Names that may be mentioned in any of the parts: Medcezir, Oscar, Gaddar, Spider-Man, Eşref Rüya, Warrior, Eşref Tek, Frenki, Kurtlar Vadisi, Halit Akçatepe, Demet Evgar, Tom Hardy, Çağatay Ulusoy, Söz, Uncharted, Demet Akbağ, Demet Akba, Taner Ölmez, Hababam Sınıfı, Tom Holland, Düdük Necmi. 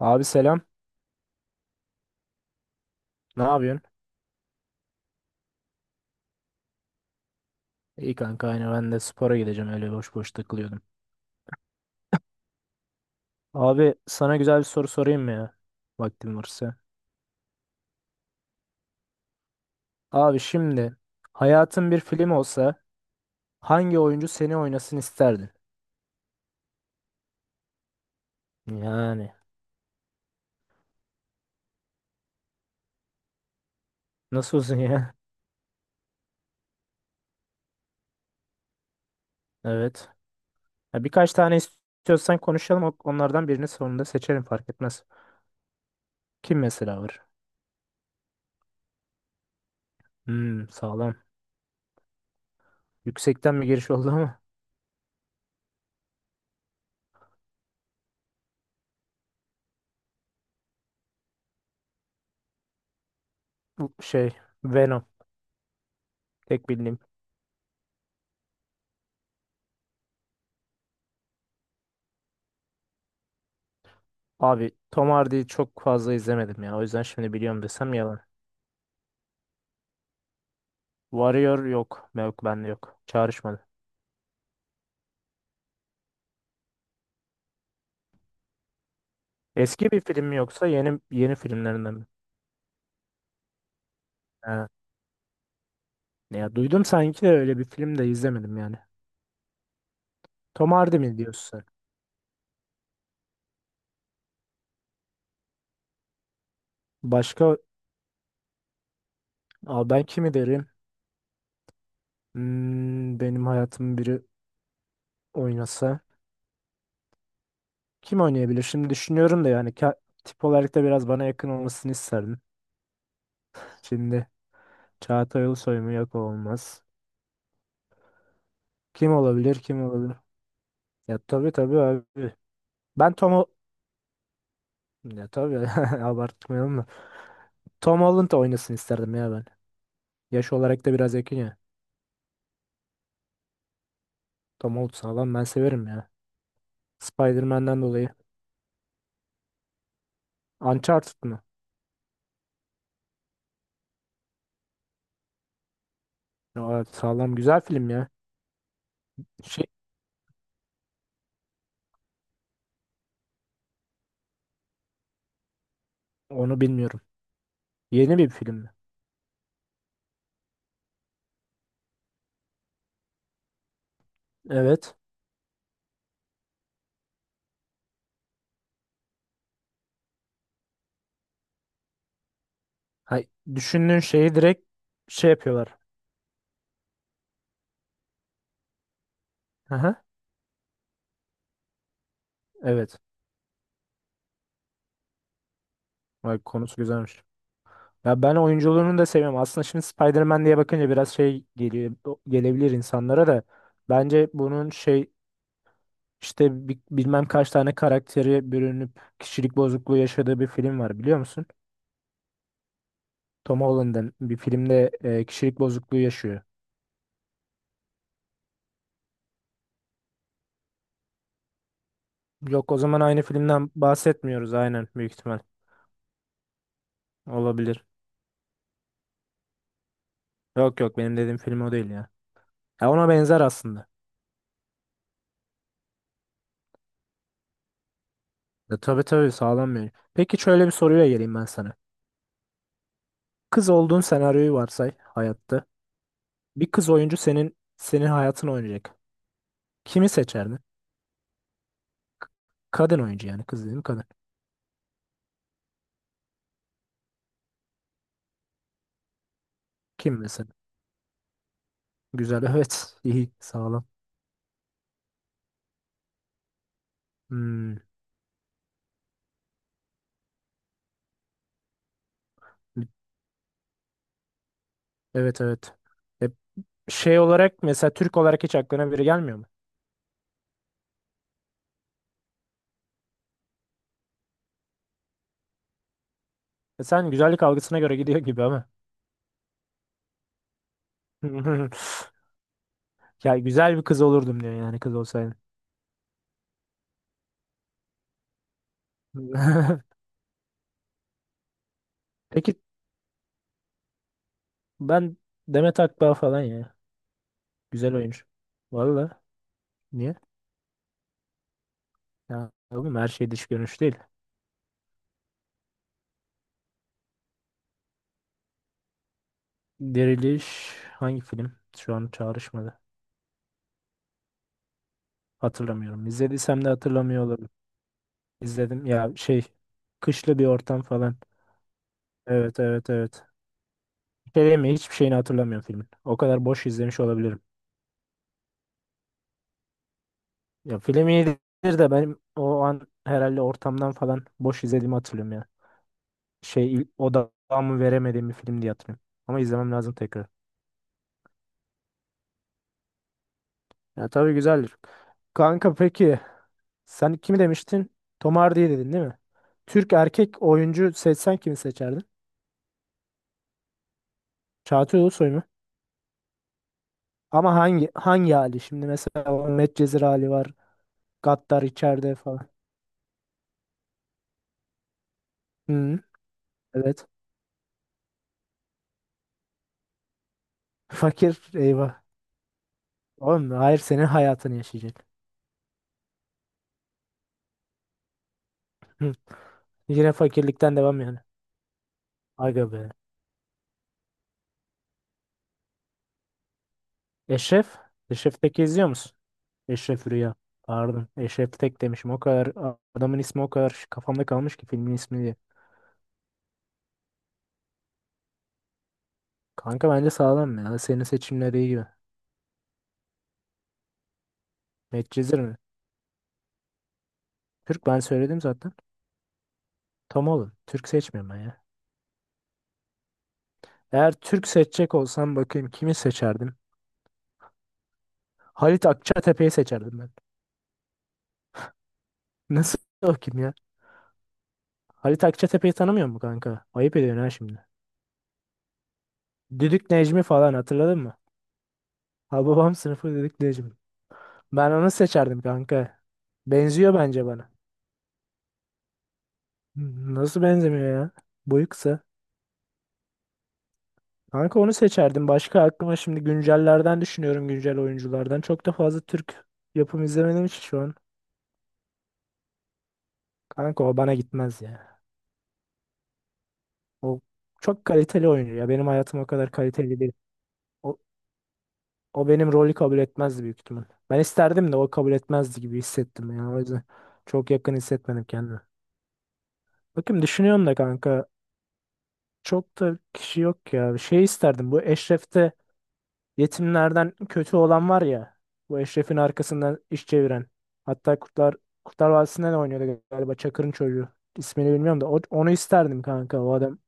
Abi selam. Ne yapıyorsun? İyi kanka aynı ben de spora gideceğim, öyle boş boş takılıyordum. Abi sana güzel bir soru sorayım mı ya? Vaktim varsa. Abi şimdi hayatın bir film olsa hangi oyuncu seni oynasın isterdin? Yani nasıl olsun ya? Evet. Ya birkaç tane istiyorsan konuşalım, onlardan birini sonunda seçerim, fark etmez. Kim mesela var? Hmm, sağlam. Yüksekten bir giriş oldu ama bu şey, Venom, tek bildiğim. Abi Tom Hardy'yi çok fazla izlemedim ya. O yüzden şimdi biliyorum desem yalan. Warrior yok. Yok, bende yok. Çağrışmadı. Eski bir film mi yoksa yeni yeni filmlerinden mi? Ha. Ya duydum sanki de öyle bir film de izlemedim yani. Tom Hardy mi diyorsun sen? Başka? Aa, ben kimi derim? Hmm, benim hayatım biri oynasa. Kim oynayabilir? Şimdi düşünüyorum da, yani tip olarak da biraz bana yakın olmasını isterdim. Şimdi Çağatay Ulusoy mu? Yok, o olmaz. Kim olabilir? Kim olabilir? Ya tabii tabii abi. Ben Tom Hol- ya tabii, abartmayalım da. Tom Holland da oynasın isterdim ya ben. Yaş olarak da biraz yakın ya. Tom Holland sağlam, ben severim ya. Spider-Man'den dolayı. Uncharted mı? Aa, sağlam güzel film ya. Şey, onu bilmiyorum. Yeni bir film mi? Evet. Ha, düşündüğün şeyi direkt şey yapıyorlar. Aha, evet. Vay, konusu güzelmiş. Ya ben oyunculuğunu da seviyorum. Aslında şimdi Spider-Man diye bakınca biraz şey geliyor, gelebilir insanlara da. Bence bunun şey, İşte bilmem kaç tane karakteri bürünüp kişilik bozukluğu yaşadığı bir film var, biliyor musun? Tom Holland'ın bir filmde kişilik bozukluğu yaşıyor. Yok, o zaman aynı filmden bahsetmiyoruz aynen, büyük ihtimal. Olabilir. Yok yok, benim dediğim film o değil ya. Ya ona benzer aslında. Ya tabii tabii, sağlam bir oyun. Peki şöyle bir soruya geleyim ben sana. Kız olduğun senaryoyu varsay hayatta. Bir kız oyuncu senin hayatını oynayacak. Kimi seçerdin? Kadın oyuncu yani, kız dedim, kadın. Kim mesela? Güzel, evet, iyi, sağlam. Hmm, evet evet. E, şey olarak mesela, Türk olarak hiç aklına biri gelmiyor mu? E, sen güzellik algısına göre gidiyor gibi ama. Ya güzel bir kız olurdum diyor yani, kız olsaydı. Peki ben, Demet Akbağ falan ya. Güzel oyuncu. Valla. Niye? Ya oğlum, her şey dış görünüş değil. Diriliş hangi film? Şu an çağrışmadı. Hatırlamıyorum. İzlediysem de hatırlamıyor olurum. İzledim ya şey, kışlı bir ortam falan. Evet evet evet. Filmi, hiçbir şeyini hatırlamıyorum filmin. O kadar boş izlemiş olabilirim. Ya film iyidir de benim o an herhalde ortamdan falan boş izlediğimi hatırlıyorum ya. Şey, odamı veremediğim bir film diye hatırlıyorum. Ama izlemem lazım tekrar. Ya tabii, güzeldir. Kanka peki sen kimi demiştin? Tom Hardy'yi dedin değil mi? Türk erkek oyuncu seçsen kimi seçerdin? Çağatay Ulusoy mu? Ama hangi hali? Şimdi mesela o Medcezir hali var. Gaddar içeride falan. Hı, evet. Fakir, eyvah. Oğlum hayır, senin hayatını yaşayacak. Hı. Yine fakirlikten devam yani. Aga be. Eşref. Eşref Tek'i izliyor musun? Eşref Rüya. Pardon. Eşref Tek demişim. O kadar adamın ismi o kadar kafamda kalmış ki, filmin ismi diye. Kanka bence sağlam ya. Senin seçimleri iyi gibi. Medcezir mi? Türk, ben söyledim zaten. Tam oğlum. Türk seçmiyorum ben ya. Eğer Türk seçecek olsam, bakayım kimi seçerdim? Halit Akçatepe'yi seçerdim ben. Nasıl o kim ya? Halit Akçatepe'yi tanımıyor mu kanka? Ayıp ediyorsun ha şimdi. Düdük Necmi falan hatırladın mı? Hababam Sınıfı, Düdük Necmi. Ben onu seçerdim kanka. Benziyor bence bana. Nasıl benzemiyor ya? Boyu kısa. Kanka onu seçerdim. Başka, aklıma şimdi güncellerden düşünüyorum, güncel oyunculardan. Çok da fazla Türk yapım izlemedim hiç şu an. Kanka o bana gitmez ya. O çok kaliteli oyuncu ya. Benim hayatım o kadar kaliteli değil. O, o benim rolü kabul etmezdi büyük ihtimal. Ben isterdim de o kabul etmezdi gibi hissettim ya. O yüzden çok yakın hissetmedim kendimi. Bakayım, düşünüyorum da kanka. Çok da kişi yok ya. Şey isterdim, bu Eşref'te yetimlerden kötü olan var ya. Bu Eşref'in arkasından iş çeviren. Hatta Kurtlar Vadisi'nde de oynuyordu galiba, Çakır'ın çocuğu. İsmini bilmiyorum da onu isterdim kanka, o adam.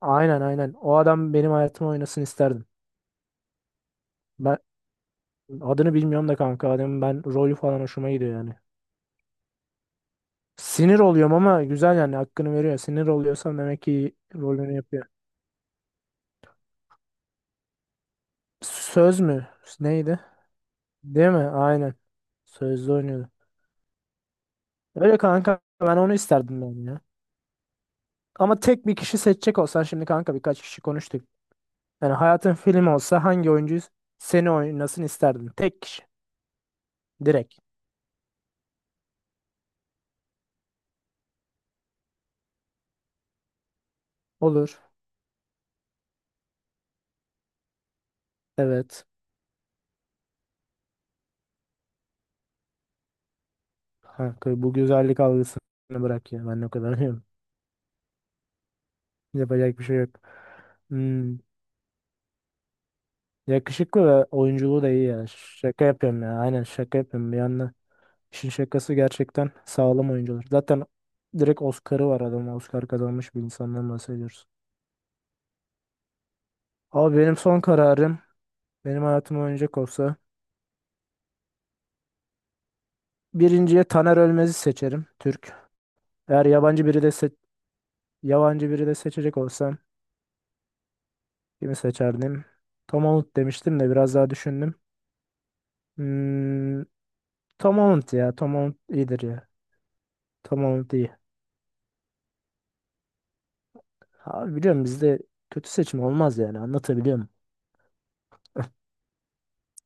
Aynen aynen. O adam benim hayatımı oynasın isterdim. Ben adını bilmiyorum da kanka, adamın ben rolü falan hoşuma gidiyor yani. Sinir oluyorum ama güzel yani, hakkını veriyor. Sinir oluyorsam demek ki rolünü yapıyor. Söz mü? Neydi? Değil mi? Aynen. Sözlü oynuyordu. Öyle kanka, ben onu isterdim ben ya. Ama tek bir kişi seçecek olsan şimdi kanka, birkaç kişi konuştuk. Yani hayatın film olsa hangi oyuncu seni oynasın isterdin? Tek kişi. Direkt. Olur. Evet. Kanka bu güzellik algısını bırak ya. Ben o kadar diyorum. Yapacak bir şey yok. Hmm. Yakışıklı ve oyunculuğu da iyi ya. Şaka yapıyorum ya. Aynen, şaka yapıyorum. Bir yandan işin şakası, gerçekten sağlam oyuncular. Zaten direkt Oscar'ı var adam. Oscar kazanmış bir insandan bahsediyoruz. Abi benim son kararım. Benim hayatım oynayacak olsa birinciye Taner Ölmez'i seçerim, Türk. Eğer yabancı biri de seçecek olsam kimi seçerdim? Tom Holland demiştim de biraz daha düşündüm. Hmm, Tom Holland ya, Tom Holland iyidir ya. Tom Holland iyi. Abi biliyorum, bizde kötü seçim olmaz yani, anlatabiliyorum.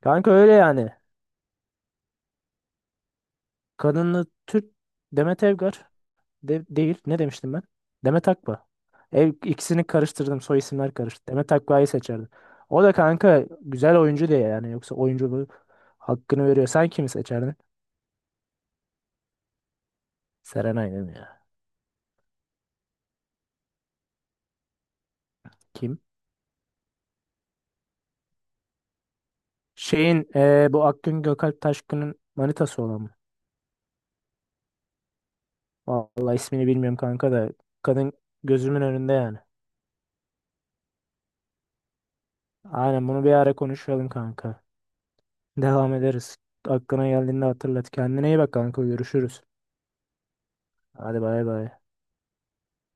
Kanka öyle yani. Kadınlı Türk, Demet Evgar. Değil. Ne demiştim ben? Demet Akba. E, ikisini karıştırdım. Soy isimler karıştı. Demet Akba'yı seçerdim. O da kanka güzel oyuncu diye yani. Yoksa oyunculuğu hakkını veriyor. Sen kimi seçerdin? Serenay'ı değil mi ya? Kim? Şeyin bu Akgün Gökalp Taşkın'ın manitası olan mı? Vallahi ismini bilmiyorum kanka da. Kadın gözümün önünde yani. Aynen, bunu bir ara konuşalım kanka. Devam ederiz. Aklına geldiğinde hatırlat. Kendine iyi bak kanka. Görüşürüz. Hadi bay bay.